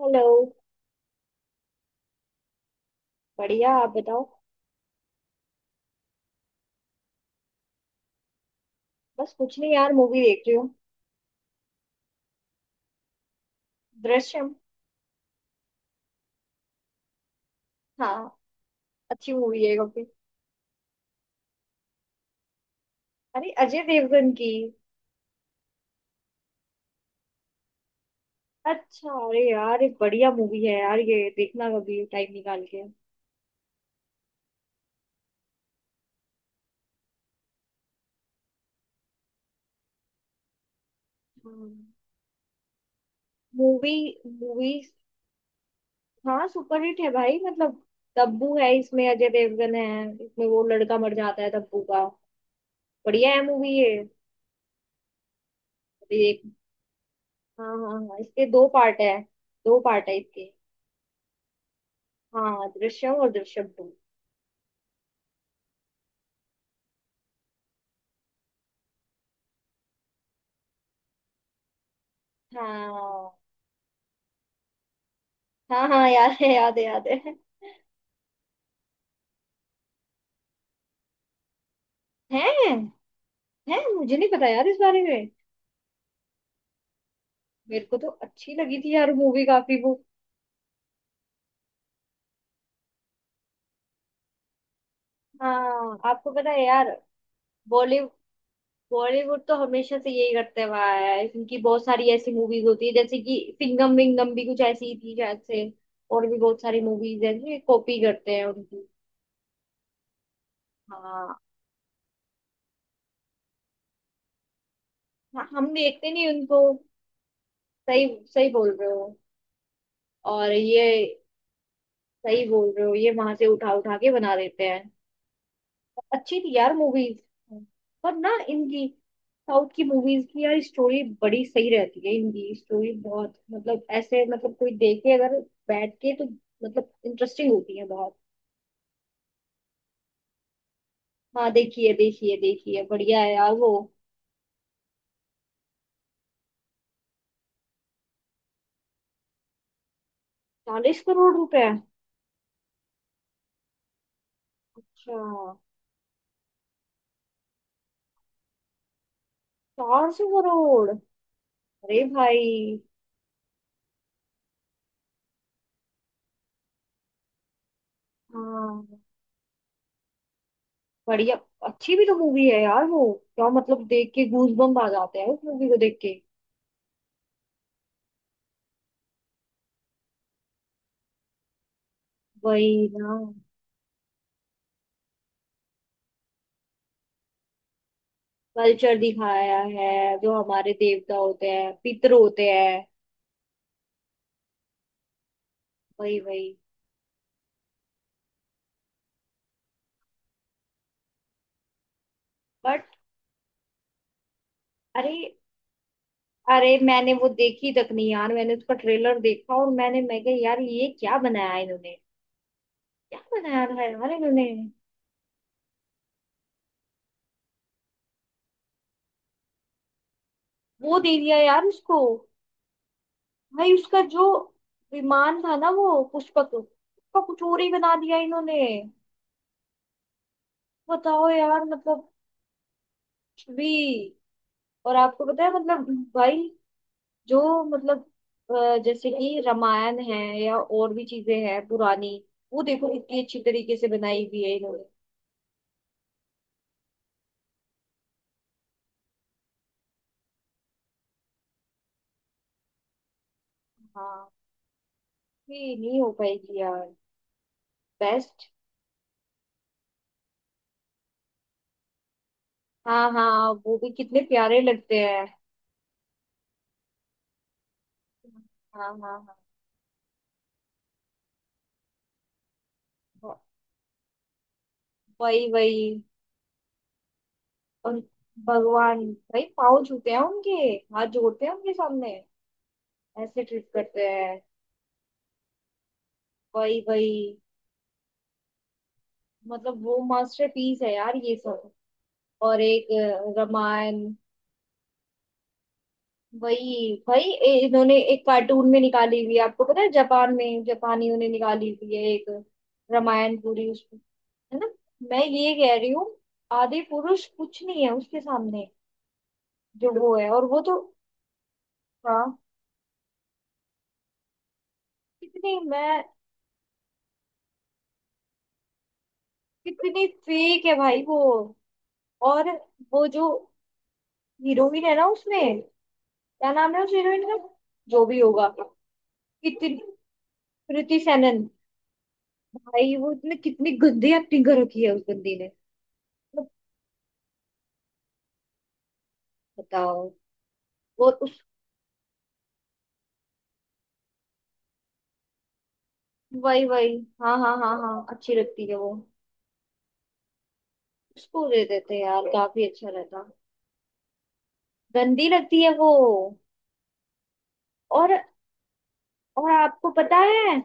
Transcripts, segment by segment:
Hello. बढ़िया, आप बताओ। बस कुछ नहीं यार, मूवी देख रही हूँ। दृश्यम। हाँ, अच्छी मूवी है काफी। अरे, अजय देवगन की। अच्छा, अरे यार एक बढ़िया मूवी है यार, ये देखना कभी टाइम निकाल के। Movie movie. हाँ, सुपरहिट है भाई, मतलब तब्बू है इसमें, अजय देवगन है इसमें, वो लड़का मर जाता है तब्बू का। बढ़िया है मूवी ये। अभी एक। हाँ हाँ हाँ, इसके दो पार्ट है। दो पार्ट है इसके। हाँ, दृश्यम और दृश्यम 2। हाँ हाँ हाँ, याद है याद है याद है। हैं हैं, मुझे नहीं पता यार इस बारे में। मेरे को तो अच्छी लगी थी यार मूवी काफी वो। हाँ, आपको पता है यार। बॉलीवुड बॉलीवुड तो हमेशा से यही करते हुआ आया है। इनकी बहुत सारी ऐसी मूवीज होती है, जैसे कि सिंघम विंगम भी कुछ ऐसी ही थी शायद से। और भी बहुत सारी मूवीज है जो कॉपी करते हैं उनकी। हाँ हाँ, हम देखते नहीं उनको। सही। सही बोल रहे हो। और ये सही बोल रहे हो, ये वहां से उठा उठा के बना देते हैं। अच्छी थी यार मूवीज पर ना इनकी। साउथ की मूवीज की यार स्टोरी बड़ी सही रहती है, इनकी स्टोरी बहुत मतलब ऐसे मतलब कोई देखे अगर बैठ के तो, मतलब इंटरेस्टिंग होती है बहुत। हाँ, देखिए देखिए देखिए, बढ़िया है यार वो। 40 करोड़ रुपए। अच्छा। 400 करोड़। अरे भाई। हाँ। बढ़िया। अच्छी भी तो मूवी है यार वो। क्या मतलब, देख के गूज बम्प आ जाते हैं उस मूवी को देख के। वही ना। कल्चर दिखाया है, जो हमारे देवता होते हैं पितर होते हैं। वही वही। बट। अरे। अरे, मैंने वो देखी तक नहीं यार। मैंने उसका ट्रेलर देखा और मैंने मैं कहा यार ये क्या बनाया इन्होंने। क्या बनाया है यार इन्होंने। वो दे दिया यार उसको। भाई उसका जो विमान था ना वो पुष्पक, उसका कुछ और ही बना दिया इन्होंने। बताओ यार, मतलब कुछ भी। और आपको पता है मतलब भाई। जो मतलब जैसे कि रामायण है, या और भी चीजें हैं पुरानी, वो देखो कितनी अच्छी तरीके से बनाई हुई है इन्होंने। हाँ। ये नहीं हो पाएगी यार। बेस्ट। हाँ हाँ, वो भी कितने प्यारे लगते हैं। हाँ हाँ हाँ। वही वही। और भगवान भाई पाँव छूते हैं उनके, हाथ जोड़ते हैं उनके सामने, ऐसे ट्रीट करते हैं। वही वही। मतलब वो मास्टरपीस है यार ये सब। और एक रामायण। वही भाई इन्होंने एक कार्टून में निकाली हुई है, आपको पता है जापान में, जापानियों ने निकाली हुई है एक रामायण पूरी उसमें। है ना। मैं ये कह रही हूँ, आदि पुरुष कुछ नहीं है उसके सामने। जो वो है और वो तो। हाँ। कितनी मैं। कितनी फेक है भाई वो। और वो जो हीरोइन है ना उसमें, क्या नाम है उस हीरोइन का। जो भी होगा। कितनी। कृति सेनन। भाई वो इतने, कितनी गंदी एक्टिंग कर रखी है उस बंदी ने। मतलब। बताओ। वो उस। वही वही। हाँ हाँ हाँ हाँ, अच्छी लगती है वो। उसको दे देते यार काफी अच्छा रहता। गंदी लगती है वो। और। और आपको पता है,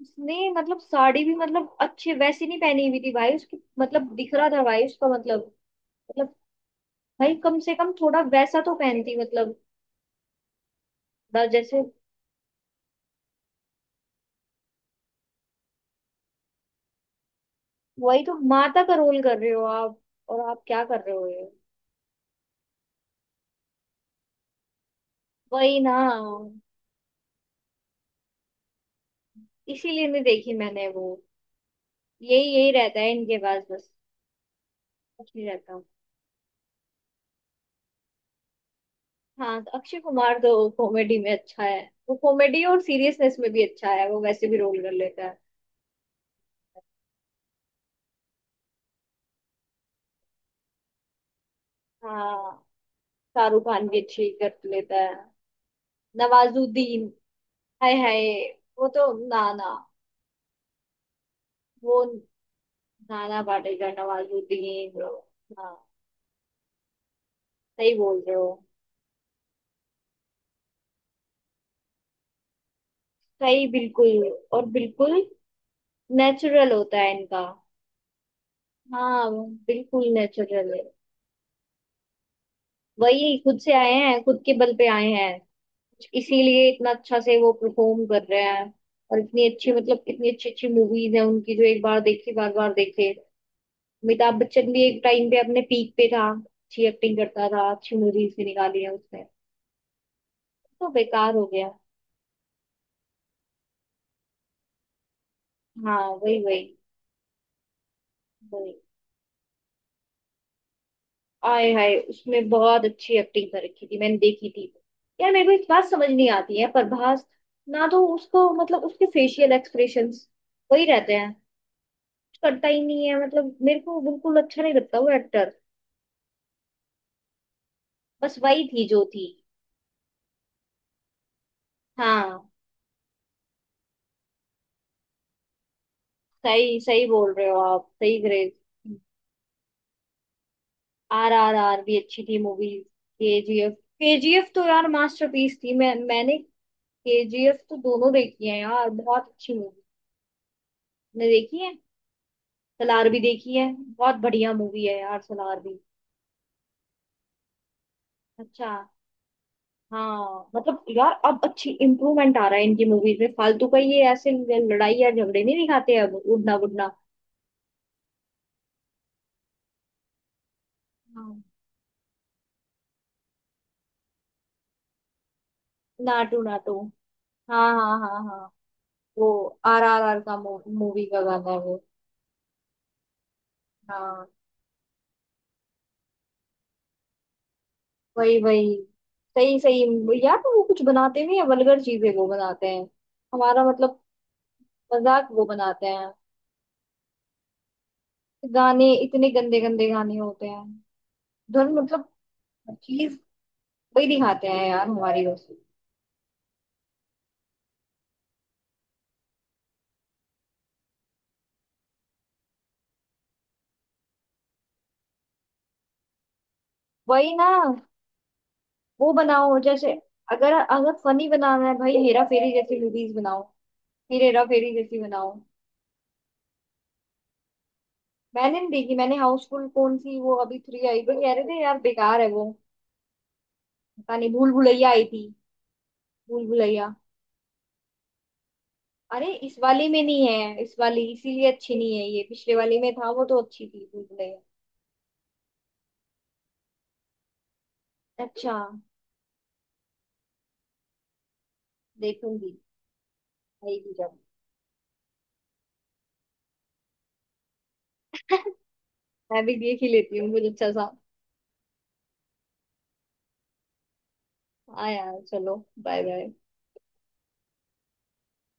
उसने मतलब साड़ी भी मतलब अच्छे वैसी नहीं पहनी हुई थी भाई उसकी, मतलब दिख रहा था भाई उसका मतलब, मतलब भाई कम से कम थोड़ा वैसा तो पहनती मतलब, थोड़ा जैसे। वही तो माता का रोल कर रहे हो आप, और आप क्या कर रहे हो ये। वही ना। इसीलिए नहीं देखी मैंने वो, यही यही रहता है इनके पास बस, कुछ नहीं रहता। हाँ, तो अक्षय कुमार तो कॉमेडी में अच्छा है। वो कॉमेडी और सीरियसनेस में भी अच्छा है, वो वैसे भी रोल कर लेता है। हाँ। शाहरुख खान भी अच्छी कर लेता है। नवाजुद्दीन। हाय हाय। वो तो ना ना, वो नाना पाटेकर नवाजुद्दीन। हाँ। सही बोल रहे हो। सही। बिल्कुल। और बिल्कुल नेचुरल होता है इनका। हाँ, बिल्कुल नेचुरल है। वही, खुद से आए हैं, खुद के बल पे आए हैं, इसीलिए इतना अच्छा से वो परफॉर्म कर रहे हैं। और इतनी अच्छी, मतलब इतनी अच्छी अच्छी मूवीज हैं उनकी, जो एक बार देखी बार बार देखे। अमिताभ बच्चन भी एक टाइम पे अपने पीक पे था, अच्छी एक्टिंग करता था, अच्छी मूवीज भी निकाली है उसने, तो बेकार हो गया। हाँ वही वही वही। आय हाय, उसमें बहुत अच्छी एक्टिंग कर रखी थी, मैंने देखी थी। यार मेरे को एक बात समझ नहीं आती है प्रभास, ना तो उसको मतलब उसके फेशियल एक्सप्रेशंस वही रहते हैं, कुछ करता ही नहीं है मतलब, मेरे को बिल्कुल अच्छा नहीं लगता वो एक्टर। बस वही थी जो थी। हाँ, सही सही बोल रहे हो आप। सही ग्रेज। RRR भी अच्छी थी मूवी। KGF। KGF तो यार मास्टरपीस थी, मैंने। KGF तो दोनों देखी है यार, बहुत अच्छी मूवी, मैंने देखी है। सलार भी देखी है, बहुत बढ़िया मूवी है यार सलार भी। अच्छा। हाँ, मतलब यार अब अच्छी इम्प्रूवमेंट आ रहा है इनकी मूवीज में, फालतू का ये ऐसे लड़ाई या झगड़े नहीं दिखाते अब, उड़ना बुड़ना। हाँ। नाटू नाटू। हाँ हाँ हाँ हाँ। वो RRR का मूवी का गाना है वो। हाँ। वही वही। सही सही यार, तो वो कुछ बनाते नहीं है, वल्गर चीजें वो बनाते हैं, हमारा मतलब मजाक वो बनाते हैं। गाने इतने गंदे गंदे गाने होते हैं, धुन मतलब चीज वही दिखाते हैं यार हमारी बस। वही ना। वो बनाओ जैसे, अगर अगर फनी बनाना है भाई, हेरा फेरी जैसी मूवीज बनाओ, फिर हेरा फेरी जैसी बनाओ। मैंने नहीं देखी, मैंने हाउसफुल कौन सी वो अभी 3 आई पर कह रहे थे यार, बेकार है वो। पता नहीं भूल भुलैया आई थी, भूल भुलैया। अरे इस वाली में नहीं है, इस वाली इसीलिए अच्छी नहीं है ये, पिछले वाली में था वो, तो अच्छी थी भूल भुलैया। अच्छा। देखूंगी आएगी जब। मैं भी देख ही लेती हूँ मुझे अच्छा सा। हाँ यार चलो, बाय बाय।